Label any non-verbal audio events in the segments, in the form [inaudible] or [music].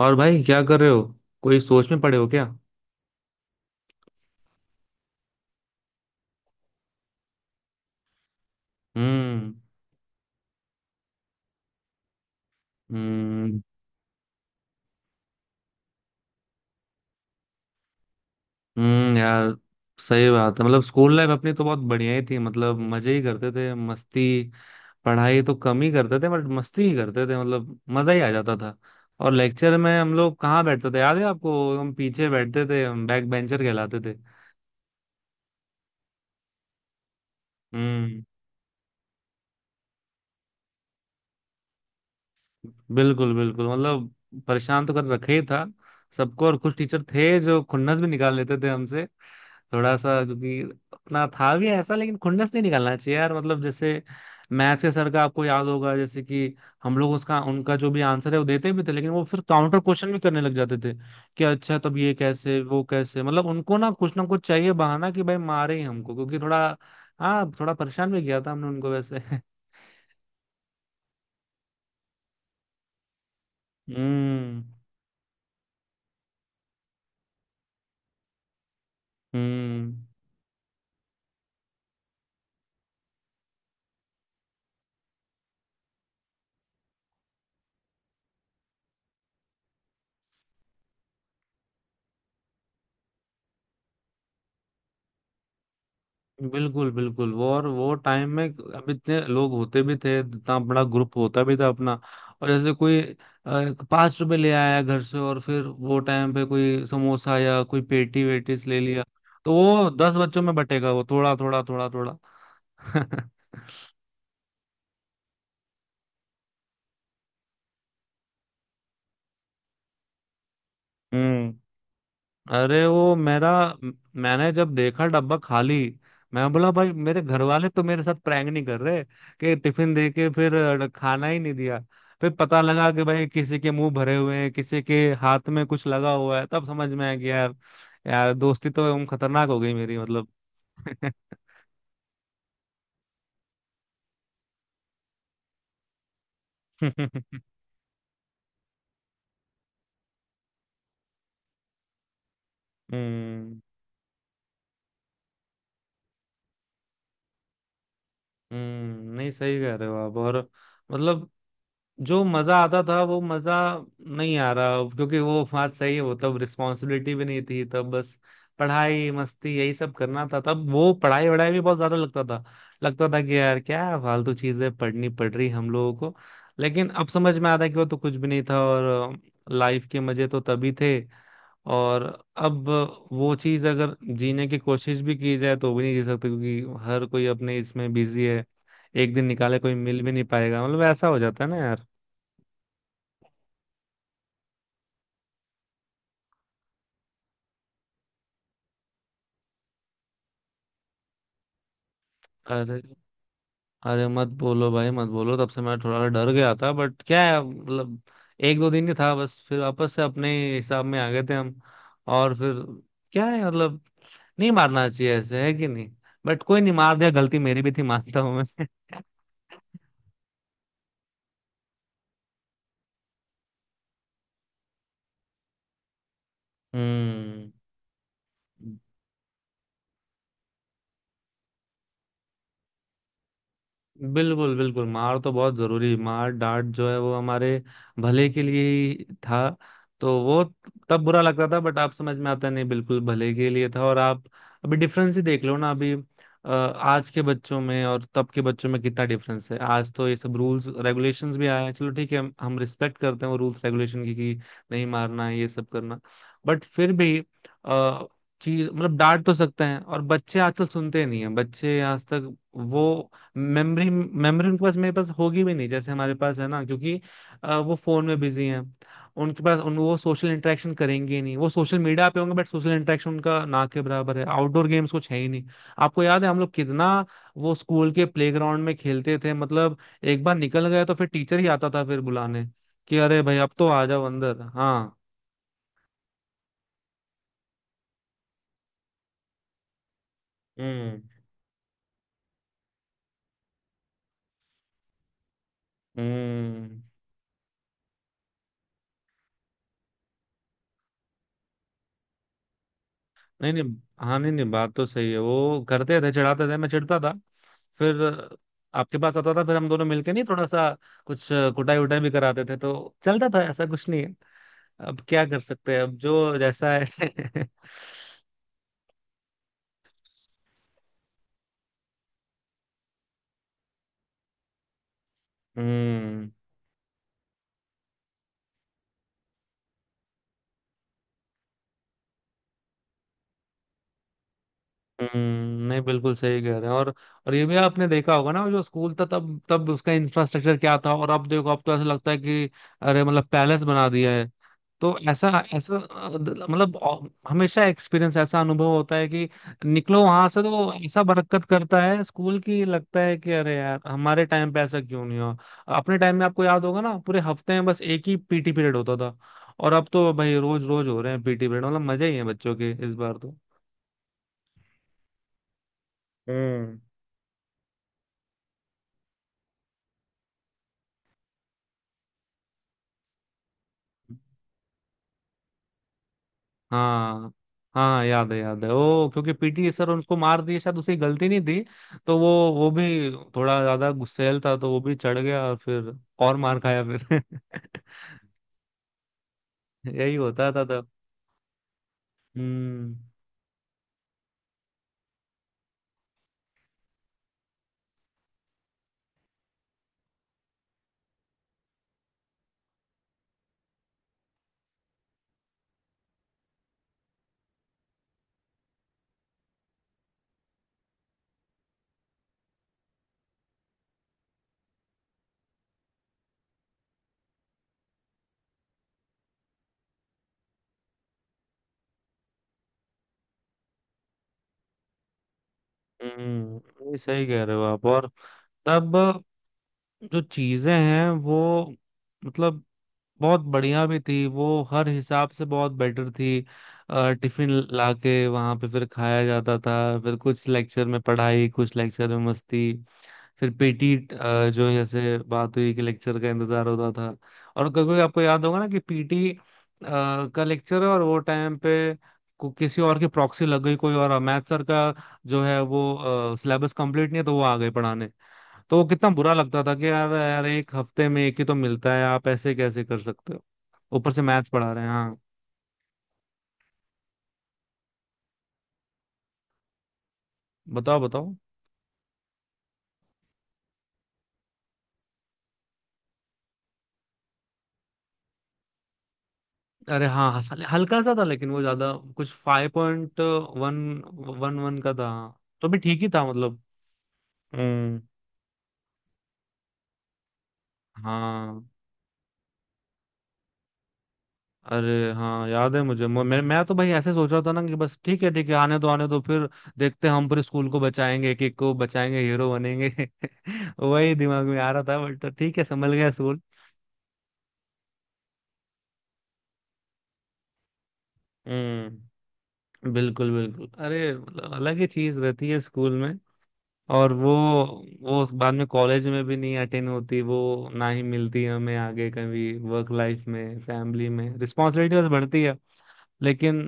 और भाई, क्या कर रहे हो? कोई सोच में पड़े हो क्या? हम्म। हम्म। यार। सही बात है। मतलब स्कूल लाइफ अपनी तो बहुत बढ़िया ही थी। मतलब मजे ही करते थे, मस्ती। पढ़ाई तो कम ही करते थे, बट मस्ती ही करते थे। मतलब मजा ही आ जाता था। और लेक्चर में हम लोग कहाँ बैठते थे, याद है आपको? हम पीछे बैठते थे। हम बैक बेंचर कहलाते थे। हम्म। बिल्कुल बिल्कुल, मतलब परेशान तो कर रखे ही था सबको। और कुछ टीचर थे जो खुन्नस भी निकाल लेते थे हमसे, थोड़ा सा, क्योंकि अपना था भी ऐसा। लेकिन खुन्नस नहीं निकालना चाहिए यार। मतलब जैसे मैथ्स के सर का आपको याद होगा, जैसे कि हम लोग उसका उनका जो भी आंसर है वो देते भी थे, लेकिन वो फिर काउंटर क्वेश्चन भी करने लग जाते थे कि अच्छा तब ये कैसे, वो कैसे। मतलब उनको ना कुछ चाहिए बहाना कि भाई मारे ही हमको, क्योंकि थोड़ा। हाँ, थोड़ा परेशान भी किया था हमने उनको वैसे [laughs] हम्म। हम्म। बिल्कुल बिल्कुल वो, और वो टाइम में अब इतने लोग होते भी थे, इतना बड़ा ग्रुप होता भी था अपना। और जैसे कोई 5 रुपए ले आया घर से, और फिर वो टाइम पे कोई समोसा या कोई पेटी वेटीस ले लिया तो वो 10 बच्चों में बटेगा वो, थोड़ा थोड़ा थोड़ा थोड़ा [laughs] हम्म। अरे वो मेरा, मैंने जब देखा डब्बा खाली, मैं बोला भाई मेरे घर वाले तो मेरे साथ प्रैंक नहीं कर रहे कि टिफिन दे के फिर खाना ही नहीं दिया। फिर पता लगा कि भाई किसी के मुंह भरे हुए हैं, किसी के हाथ में कुछ लगा हुआ है, तब समझ में आया कि यार, यार दोस्ती तो एकदम खतरनाक हो गई मेरी, मतलब [laughs] हम्म। हम्म। नहीं, सही कह रहे हो आप। और मतलब जो मजा आता था वो मजा नहीं आ रहा अब, क्योंकि वो बात सही है। वो तब रिस्पॉन्सिबिलिटी भी नहीं थी। तब बस पढ़ाई मस्ती यही सब करना था। तब वो पढ़ाई वढ़ाई भी बहुत ज्यादा लगता था, लगता था कि यार क्या फालतू चीजें पढ़नी पड़ रही हम लोगों को। लेकिन अब समझ में आता है कि वो तो कुछ भी नहीं था, और लाइफ के मजे तो तभी थे। और अब वो चीज अगर जीने की कोशिश भी की जाए तो भी नहीं जी सकते, क्योंकि हर कोई अपने इसमें बिजी है। एक दिन निकाले कोई मिल भी नहीं पाएगा। मतलब ऐसा हो जाता है ना यार। अरे, अरे मत बोलो भाई मत बोलो। तब से मैं थोड़ा डर गया था, बट क्या है मतलब 1-2 दिन ही था बस, फिर वापस से अपने हिसाब में आ गए थे हम। और फिर क्या है मतलब, नहीं मारना चाहिए ऐसे, है कि नहीं? बट कोई नहीं, मार दिया, गलती मेरी भी थी, मानता हूँ मैं [laughs] हम्म। बिल्कुल बिल्कुल, मार तो बहुत जरूरी, मार डांट जो है वो हमारे भले के लिए ही था। तो वो तब बुरा लगता था, बट आप समझ में आता है, नहीं, बिल्कुल भले के लिए था। और आप अभी डिफरेंस ही देख लो ना, अभी आज के बच्चों में और तब के बच्चों में कितना डिफरेंस है। आज तो ये सब रूल्स रेगुलेशंस भी आए हैं, चलो ठीक है, हम रिस्पेक्ट करते हैं वो रूल्स रेगुलेशन की कि नहीं मारना है, ये सब करना। बट फिर भी अ, चीज मतलब डांट तो सकते हैं, और बच्चे आजकल सुनते नहीं है। बच्चे आज तक वो मेमोरी मेमोरी उनके पास, मेरे पास होगी भी नहीं जैसे हमारे पास है ना, क्योंकि वो फोन में बिजी हैं। उनके पास उन वो सोशल इंटरेक्शन करेंगे ही नहीं, वो सोशल मीडिया पे होंगे, बट सोशल इंटरेक्शन उनका ना के बराबर है। आउटडोर गेम्स कुछ है ही नहीं। आपको याद है हम लोग कितना वो स्कूल के प्लेग्राउंड में खेलते थे? मतलब एक बार निकल गया तो फिर टीचर ही आता था फिर बुलाने, कि अरे भाई अब तो आ जाओ अंदर, हाँ। हम्म। हम्म। नहीं नहीं। हाँ, नहीं नहीं, बात तो सही है, वो करते थे चिढ़ाते थे, मैं चिढ़ता था, फिर आपके पास आता था, फिर हम दोनों मिलके, नहीं थोड़ा सा कुछ कुटाई उटाई भी कराते थे तो। चलता था, ऐसा कुछ नहीं है। अब क्या कर सकते हैं, अब जो जैसा है [laughs] हम्म। हम्म। नहीं, बिल्कुल सही कह रहे हैं। और ये भी आपने देखा होगा ना, जो स्कूल था तब तब उसका इंफ्रास्ट्रक्चर क्या था, और अब देखो, अब तो ऐसा लगता है कि अरे मतलब पैलेस बना दिया है। तो ऐसा, हमेशा एक्सपीरियंस ऐसा अनुभव होता है कि निकलो वहां से तो ऐसा बरकत करता है स्कूल की, लगता है कि अरे यार हमारे टाइम पे ऐसा क्यों नहीं हुआ। अपने टाइम में आपको याद होगा ना, पूरे हफ्ते में बस एक ही पीटी पीरियड होता था। और अब तो भाई रोज रोज हो रहे हैं पीटी पीरियड, मतलब मजे ही है बच्चों के इस बार तो। हम्म। हाँ, हाँ याद है, याद है वो, क्योंकि पीटी सर उनको मार दिए, शायद उसकी गलती नहीं थी। तो वो भी थोड़ा ज्यादा गुस्सैल था, तो वो भी चढ़ गया, और फिर और मार खाया फिर [laughs] यही होता था तब। हम्म। हम्म, ये सही कह रहे हो आप। और तब जो चीजें हैं वो, मतलब बहुत बढ़िया भी थी वो, हर हिसाब से बहुत बेटर थी। टिफिन लाके वहां पे फिर खाया जाता था। फिर कुछ लेक्चर में पढ़ाई, कुछ लेक्चर में मस्ती, फिर पीटी, जो जैसे बात हुई कि लेक्चर का इंतजार होता था। और कभी कभी आपको याद होगा ना कि पीटी का लेक्चर है, और वो टाइम पे किसी और की प्रॉक्सी लग गई, कोई और मैथ सर का जो है वो सिलेबस कंप्लीट नहीं है तो वो आ गए पढ़ाने। तो वो कितना बुरा लगता था कि यार यार, एक हफ्ते में एक ही तो मिलता है, आप ऐसे कैसे कर सकते हो? ऊपर से मैथ्स पढ़ा रहे हैं, हाँ। बताओ बताओ। अरे हाँ, हल्का सा था, लेकिन वो ज्यादा कुछ 5.111 का था। हाँ, तो भी ठीक ही था मतलब। हम्म। हाँ। अरे हाँ, याद है मुझे। मैं तो भाई ऐसे सोच रहा था ना कि बस ठीक है आने दो फिर, देखते हैं, हम पूरे स्कूल को बचाएंगे, एक एक को बचाएंगे, हीरो बनेंगे [laughs] वही दिमाग में आ रहा था, बट ठीक है, संभल गया स्कूल। हम्म। बिल्कुल बिल्कुल, अरे मतलब अलग ही चीज रहती है स्कूल में। और वो उस बाद में कॉलेज में भी नहीं अटेंड होती वो, ना ही मिलती है हमें आगे कभी, वर्क लाइफ में, फैमिली में, रिस्पॉन्सिबिलिटी बस बढ़ती है, लेकिन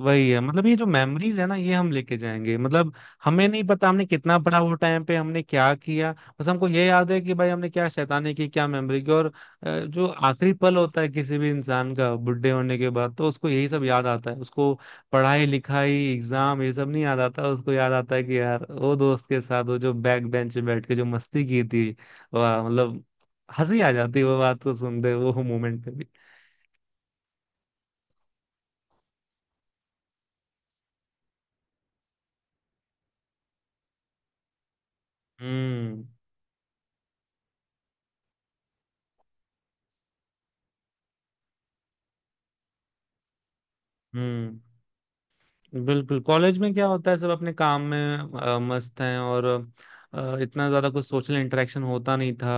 वही है मतलब। ये जो मेमोरीज है ना, ये हम लेके जाएंगे, मतलब हमें नहीं पता हमने कितना पढ़ा वो टाइम पे, हमने क्या किया। बस हमको ये याद है कि भाई हमने क्या शैतानी की, क्या मेमोरी की। और जो आखिरी पल होता है किसी भी इंसान का बुढ़े होने के बाद तो उसको यही सब याद आता है। उसको पढ़ाई लिखाई एग्जाम ये सब नहीं याद आता, उसको याद आता है कि यार वो दोस्त के साथ वो जो बैक बेंच पे बैठ के जो मस्ती की थी, वाह मतलब हंसी आ जाती है वो बात को सुनते, वो मोमेंट पे भी। हम्म। हम्म। बिल्कुल। कॉलेज में क्या होता है, सब अपने काम में मस्त हैं, और इतना ज्यादा कुछ सोशल इंटरेक्शन होता नहीं था।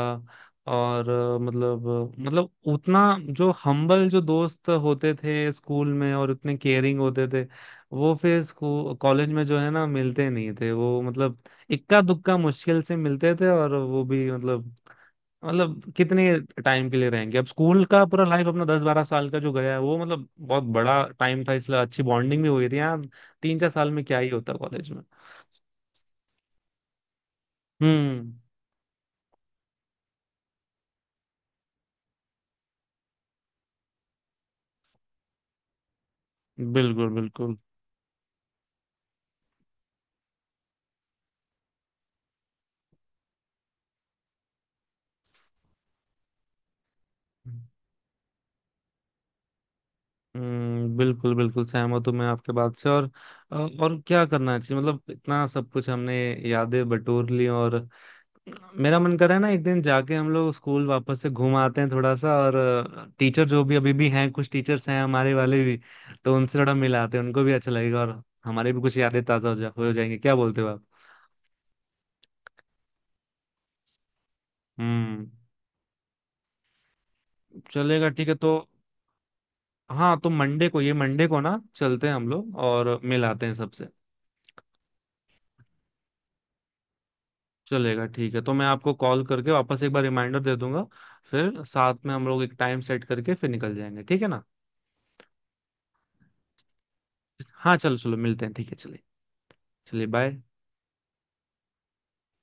और मतलब उतना जो हम्बल जो दोस्त होते थे स्कूल में और उतने केयरिंग होते थे, वो फिर स्कूल कॉलेज में जो है ना मिलते नहीं थे वो, मतलब इक्का दुक्का मुश्किल से मिलते थे, और वो भी मतलब कितने टाइम के लिए रहेंगे। अब स्कूल का पूरा लाइफ अपना 10-12 साल का जो गया है वो, मतलब बहुत बड़ा टाइम था, इसलिए अच्छी बॉन्डिंग भी हुई थी यहाँ। 3-4 साल में क्या ही होता कॉलेज में। हम्म। बिल्कुल बिल्कुल। हम्म, बिल्कुल बिल्कुल सहमत हूँ मैं आपके बात से। और क्या करना चाहिए मतलब, इतना सब कुछ हमने यादें बटोर ली। और मेरा मन कर रहा है ना, एक दिन जाके हम लोग स्कूल वापस से घूम आते हैं, थोड़ा सा। और टीचर जो भी अभी भी हैं, कुछ टीचर्स हैं हमारे वाले भी, तो उनसे थोड़ा मिलाते हैं, उनको भी अच्छा लगेगा, और हमारे भी कुछ यादें ताजा हो जाएंगी। क्या बोलते हो आप? हम्म। चलेगा, ठीक है तो। हाँ तो मंडे को, ये मंडे को ना चलते हैं हम लोग और मिलाते हैं सबसे। चलेगा, ठीक है तो मैं आपको कॉल करके वापस एक बार रिमाइंडर दे दूंगा, फिर साथ में हम लोग एक टाइम सेट करके फिर निकल जाएंगे, ठीक है ना? हाँ, चलो चलो मिलते हैं, ठीक है, चलिए। चलिए, बाय।